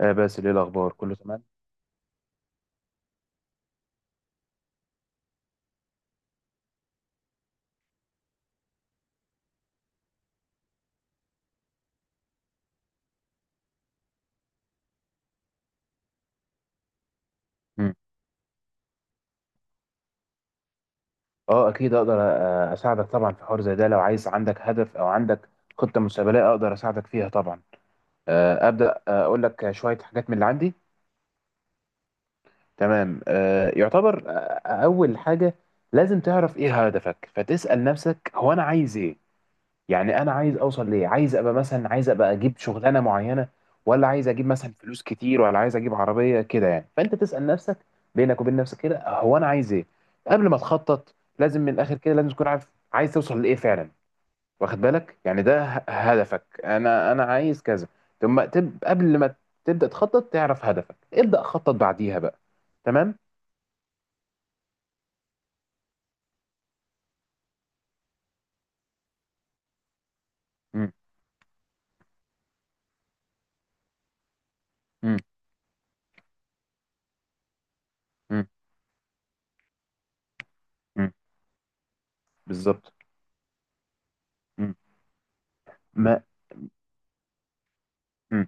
آه باسل، ايه الاخبار؟ كله تمام. مم. اه اكيد اقدر، اساعدك طبعا في حوار زي ده. لو عايز، عندك هدف او عندك خطه مستقبليه، اقدر اساعدك فيها طبعا. ابدا، اقول لك شويه حاجات من اللي عندي. تمام. يعتبر اول حاجه، لازم تعرف ايه هدفك. فتسال نفسك، هو انا عايز ايه؟ يعني انا عايز اوصل ليه؟ عايز ابقى مثلا، عايز ابقى اجيب شغلانه معينه؟ ولا عايز اجيب مثلا فلوس كتير؟ ولا عايز اجيب عربيه كده؟ يعني فانت تسال نفسك بينك وبين نفسك كده، هو انا عايز ايه. قبل ما تخطط لازم، من الاخر كده، لازم تكون عارف عايز توصل لايه فعلا، واخد بالك؟ يعني ده هدفك، انا عايز كذا. قبل ما تبدا تخطط تعرف هدفك، ابدا خطط بعديها بقى. تمام. مم. مم. مم. مم. بالظبط. مم. ما مم.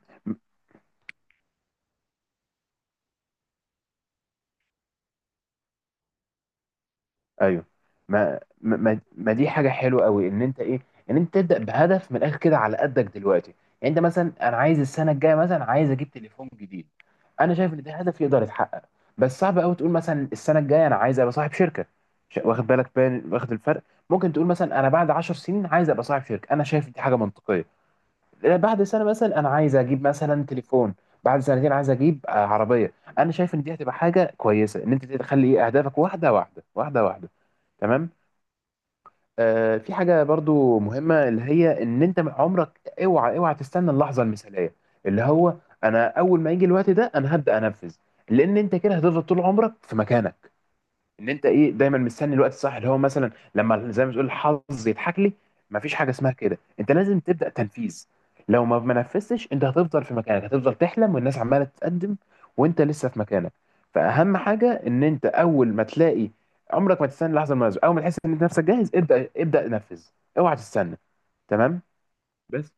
ايوه. ما ما ما ما دي حاجه حلوه قوي، ان انت ايه، ان انت تبدا بهدف من الاخر كده على قدك دلوقتي. يعني انت مثلا، انا عايز السنه الجايه مثلا عايز اجيب تليفون جديد، انا شايف ان ده هدف يقدر يتحقق. بس صعب قوي تقول مثلا السنه الجايه انا عايز ابقى صاحب شركه. واخد بالك بين واخد الفرق. ممكن تقول مثلا انا بعد 10 سنين عايز ابقى صاحب شركه، انا شايف دي حاجه منطقيه. بعد سنة مثلا أنا عايز أجيب مثلا تليفون، بعد سنتين عايز أجيب عربية. أنا شايف إن دي هتبقى حاجة كويسة، إن أنت تخلي إيه أهدافك واحدة واحدة واحدة واحدة. تمام. آه، في حاجة برضو مهمة اللي هي إن أنت عمرك أوعى أوعى تستنى اللحظة المثالية، اللي هو أنا أول ما يجي الوقت ده أنا هبدأ أنفذ. لأن أنت كده هتفضل طول عمرك في مكانك، ان انت ايه دايما مستني الوقت الصح، اللي هو مثلا لما، زي ما تقول، الحظ يضحك لي. مفيش حاجه اسمها كده، انت لازم تبدا تنفيذ. لو ما نفذتش انت هتفضل في مكانك، هتفضل تحلم والناس عماله تتقدم وانت لسه في مكانك. فاهم حاجه؟ ان انت اول ما تلاقي، عمرك ما تستنى اللحظه المناسبه، اول ما تحس ان انت نفسك جاهز ابدا، ابدا نفذ، اوعى تستنى. تمام. بس.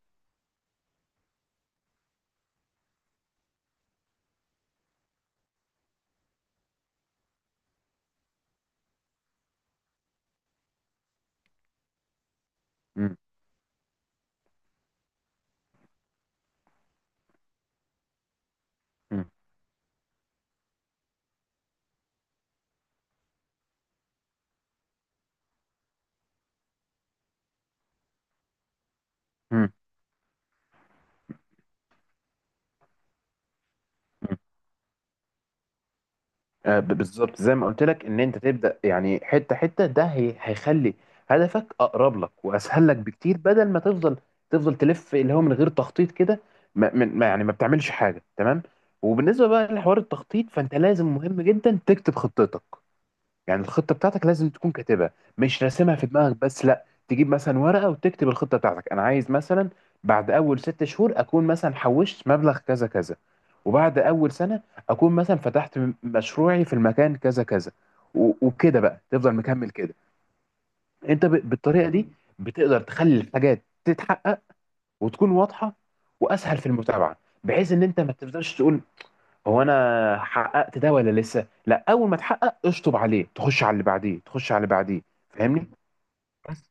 مم. مم. مم. مم. بالظبط زي ما قلت لك، ان انت تبدا يعني حته حته، ده هيخلي هدفك اقرب لك واسهل لك بكتير، بدل ما تفضل تلف اللي هو من غير تخطيط كده، ما من- ما- يعني ما بتعملش حاجه. تمام. وبالنسبه بقى لحوار التخطيط، فانت لازم، مهم جدا، تكتب خطتك. يعني الخطة بتاعتك لازم تكون كاتبها، مش راسمها في دماغك بس. لا، تجيب مثلا ورقة وتكتب الخطة بتاعتك، أنا عايز مثلا بعد أول 6 شهور أكون مثلا حوشت مبلغ كذا كذا، وبعد أول سنة أكون مثلا فتحت مشروعي في المكان كذا كذا. وكده بقى تفضل مكمل كده. أنت بالطريقة دي بتقدر تخلي الحاجات تتحقق، وتكون واضحة، وأسهل في المتابعة، بحيث إن أنت ما تفضلش تقول هو انا حققت ده ولا لسه. لا، اول ما تحقق اشطب عليه، تخش على اللي بعديه، تخش على اللي بعديه، فاهمني. بس.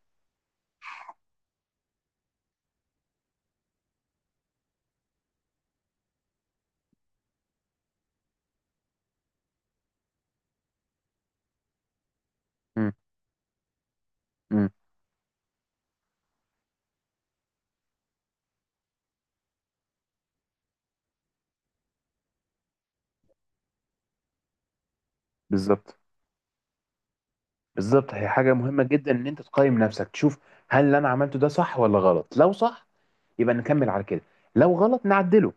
امم. امم. بالظبط. بالظبط، هي حاجه مهمه جدا ان انت تقيم نفسك، تشوف هل اللي انا عملته ده صح ولا غلط. لو صح يبقى نكمل على كده، لو غلط نعدله.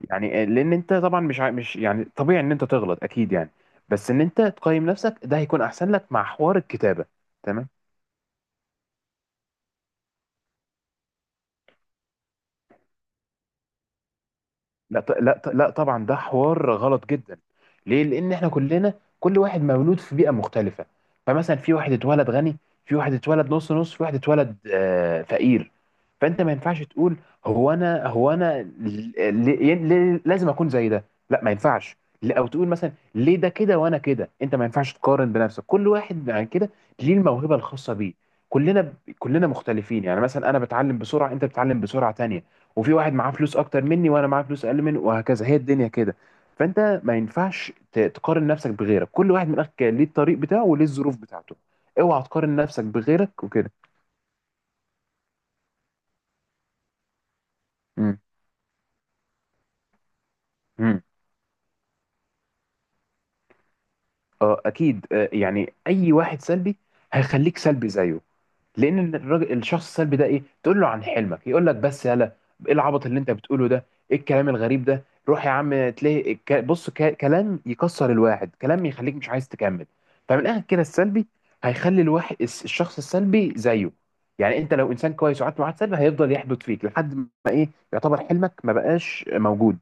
يعني لان انت طبعا مش يعني طبيعي ان انت تغلط اكيد يعني، بس ان انت تقيم نفسك ده هيكون احسن لك مع حوار الكتابه. تمام. لا طبعا، ده حوار غلط جدا. ليه؟ لان احنا كلنا، كل واحد مولود في بيئه مختلفه. فمثلا في واحد اتولد غني، في واحد اتولد نص نص، في واحد اتولد فقير. فانت ما ينفعش تقول هو انا، لازم اكون زي ده. لا، ما ينفعش. او تقول مثلا ليه ده كده وانا كده. انت ما ينفعش تقارن بنفسك، كل واحد عن كده ليه الموهبه الخاصه بيه. كلنا كلنا مختلفين. يعني مثلا انا بتعلم بسرعه، انت بتتعلم بسرعه تانية، وفي واحد معاه فلوس اكتر مني، وانا معاه فلوس اقل منه، وهكذا. هي الدنيا كده. فانت ما ينفعش تقارن نفسك بغيرك، كل واحد من اخك ليه الطريق بتاعه وليه الظروف بتاعته. اوعى تقارن نفسك بغيرك وكده. امم. امم. اه اكيد. يعني اي واحد سلبي هيخليك سلبي زيه. لان الراجل، الشخص السلبي ده، ايه؟ تقول له عن حلمك يقول لك بس يلا، ايه العبط اللي انت بتقوله ده، ايه الكلام الغريب ده، روح يا عم. تلاقي بص كلام يكسر الواحد، كلام يخليك مش عايز تكمل. فمن الاخر كده السلبي هيخلي الواحد الشخص السلبي زيه. يعني انت لو انسان كويس وقعدت مع واحد سلبي، هيفضل يحبط فيك لحد ما ايه، يعتبر حلمك ما بقاش موجود.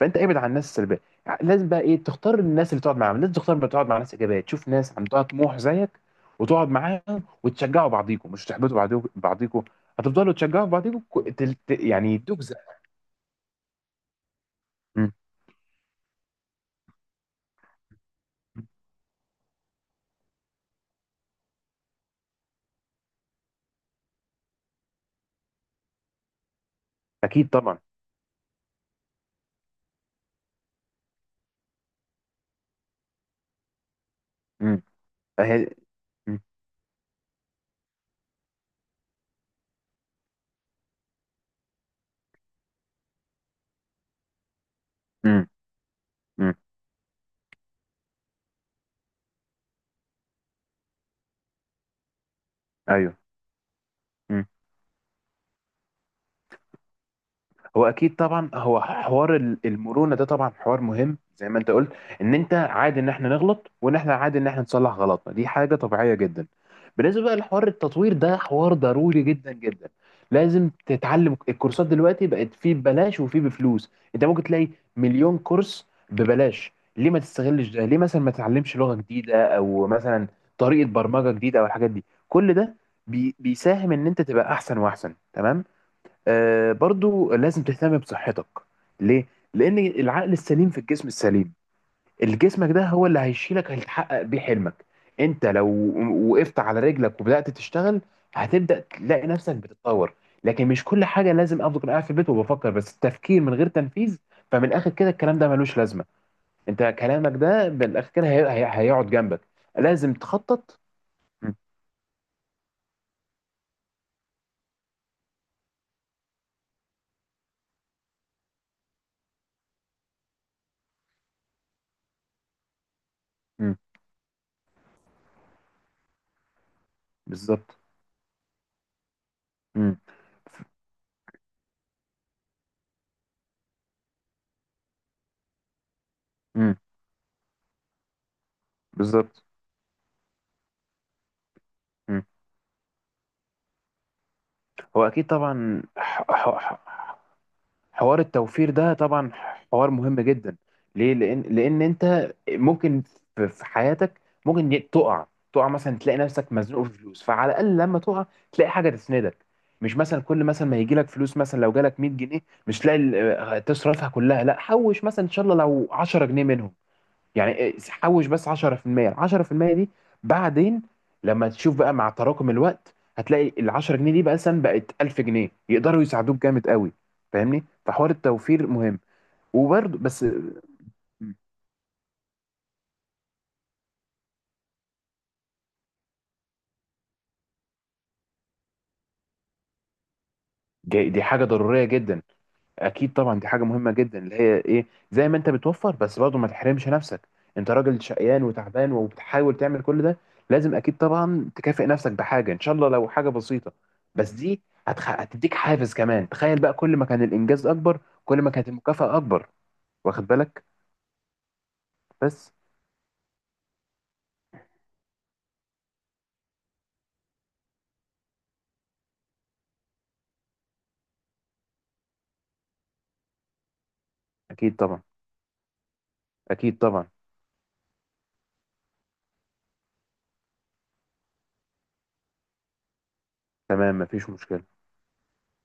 فانت ابعد عن الناس السلبيه. لازم بقى ايه، تختار الناس اللي تقعد معاهم. لازم تختار ما تقعد مع ناس ايجابيه، تشوف ناس عندها طموح زيك وتقعد معاهم، وتشجعوا بعضيكم مش تحبطوا بعضيكم بعضيكم. هتفضلوا تشجعوا بعضيكم، يعني تجزأ. مم. اكيد طبعا. مم. أهي- مم. مم. مم. ايوه. مم. هو اكيد طبعا، المرونه ده طبعا حوار مهم زي ما انت قلت، ان انت عادي ان احنا نغلط، وان احنا عادي ان احنا نصلح غلطنا. دي حاجه طبيعيه جدا. بالنسبه بقى لحوار التطوير، ده حوار ضروري جدا جدا، لازم تتعلم. الكورسات دلوقتي بقت فيه ببلاش وفيه بفلوس، انت ممكن تلاقي مليون كورس ببلاش. ليه ما تستغلش ده؟ ليه مثلا ما تتعلمش لغه جديده، او مثلا طريقه برمجه جديده، او الحاجات دي؟ كل ده بيساهم ان انت تبقى احسن واحسن. تمام. برضو لازم تهتم بصحتك. ليه؟ لأن العقل السليم في الجسم السليم. الجسمك ده هو اللي هيشيلك، هيتحقق بيه حلمك. انت لو وقفت على رجلك وبدأت تشتغل، هتبدأ تلاقي نفسك بتتطور. لكن مش كل حاجة، لازم أفضل قاعد في البيت وبفكر بس؟ التفكير من غير تنفيذ، فمن الآخر كده الكلام ده ملوش لازمة. انت كلامك ده من الآخر كده هيقعد جنبك. لازم تخطط. مم. مم. بالظبط. مم. مم. بالظبط. مم. هو اكيد طبعا، حوار التوفير ده طبعا حوار مهم جدا. ليه؟ لان لان انت ممكن في في حياتك ممكن تقع. تقع مثلا تلاقي نفسك مزنوق في فلوس، فعلى الاقل لما تقع تلاقي حاجه تسندك. مش مثلا كل مثلا ما يجي لك فلوس، مثلا لو جالك 100 جنيه، مش تلاقي تصرفها كلها. لا، حوش مثلا ان شاء الله لو 10 جنيه منهم، يعني إيه، حوش بس 10%. ال 10% دي بعدين لما تشوف بقى مع تراكم الوقت، هتلاقي ال 10 جنيه دي بقى مثلا بقت 1000 جنيه، يقدروا يساعدوك جامد قوي، فاهمني؟ فحوار التوفير مهم. وبرضه بس، دي حاجة ضرورية جدا. اكيد طبعا دي حاجه مهمه جدا، اللي هي ايه، زي ما انت بتوفر بس برضه ما تحرمش نفسك. انت راجل شقيان وتعبان وبتحاول تعمل كل ده، لازم اكيد طبعا تكافئ نفسك بحاجه، ان شاء الله لو حاجه بسيطه. بس دي هتديك حافز كمان. تخيل بقى، كل ما كان الانجاز اكبر كل ما كانت المكافاه اكبر، واخد بالك؟ بس. اكيد طبعا. اكيد طبعا. تمام، مفيش مشكله.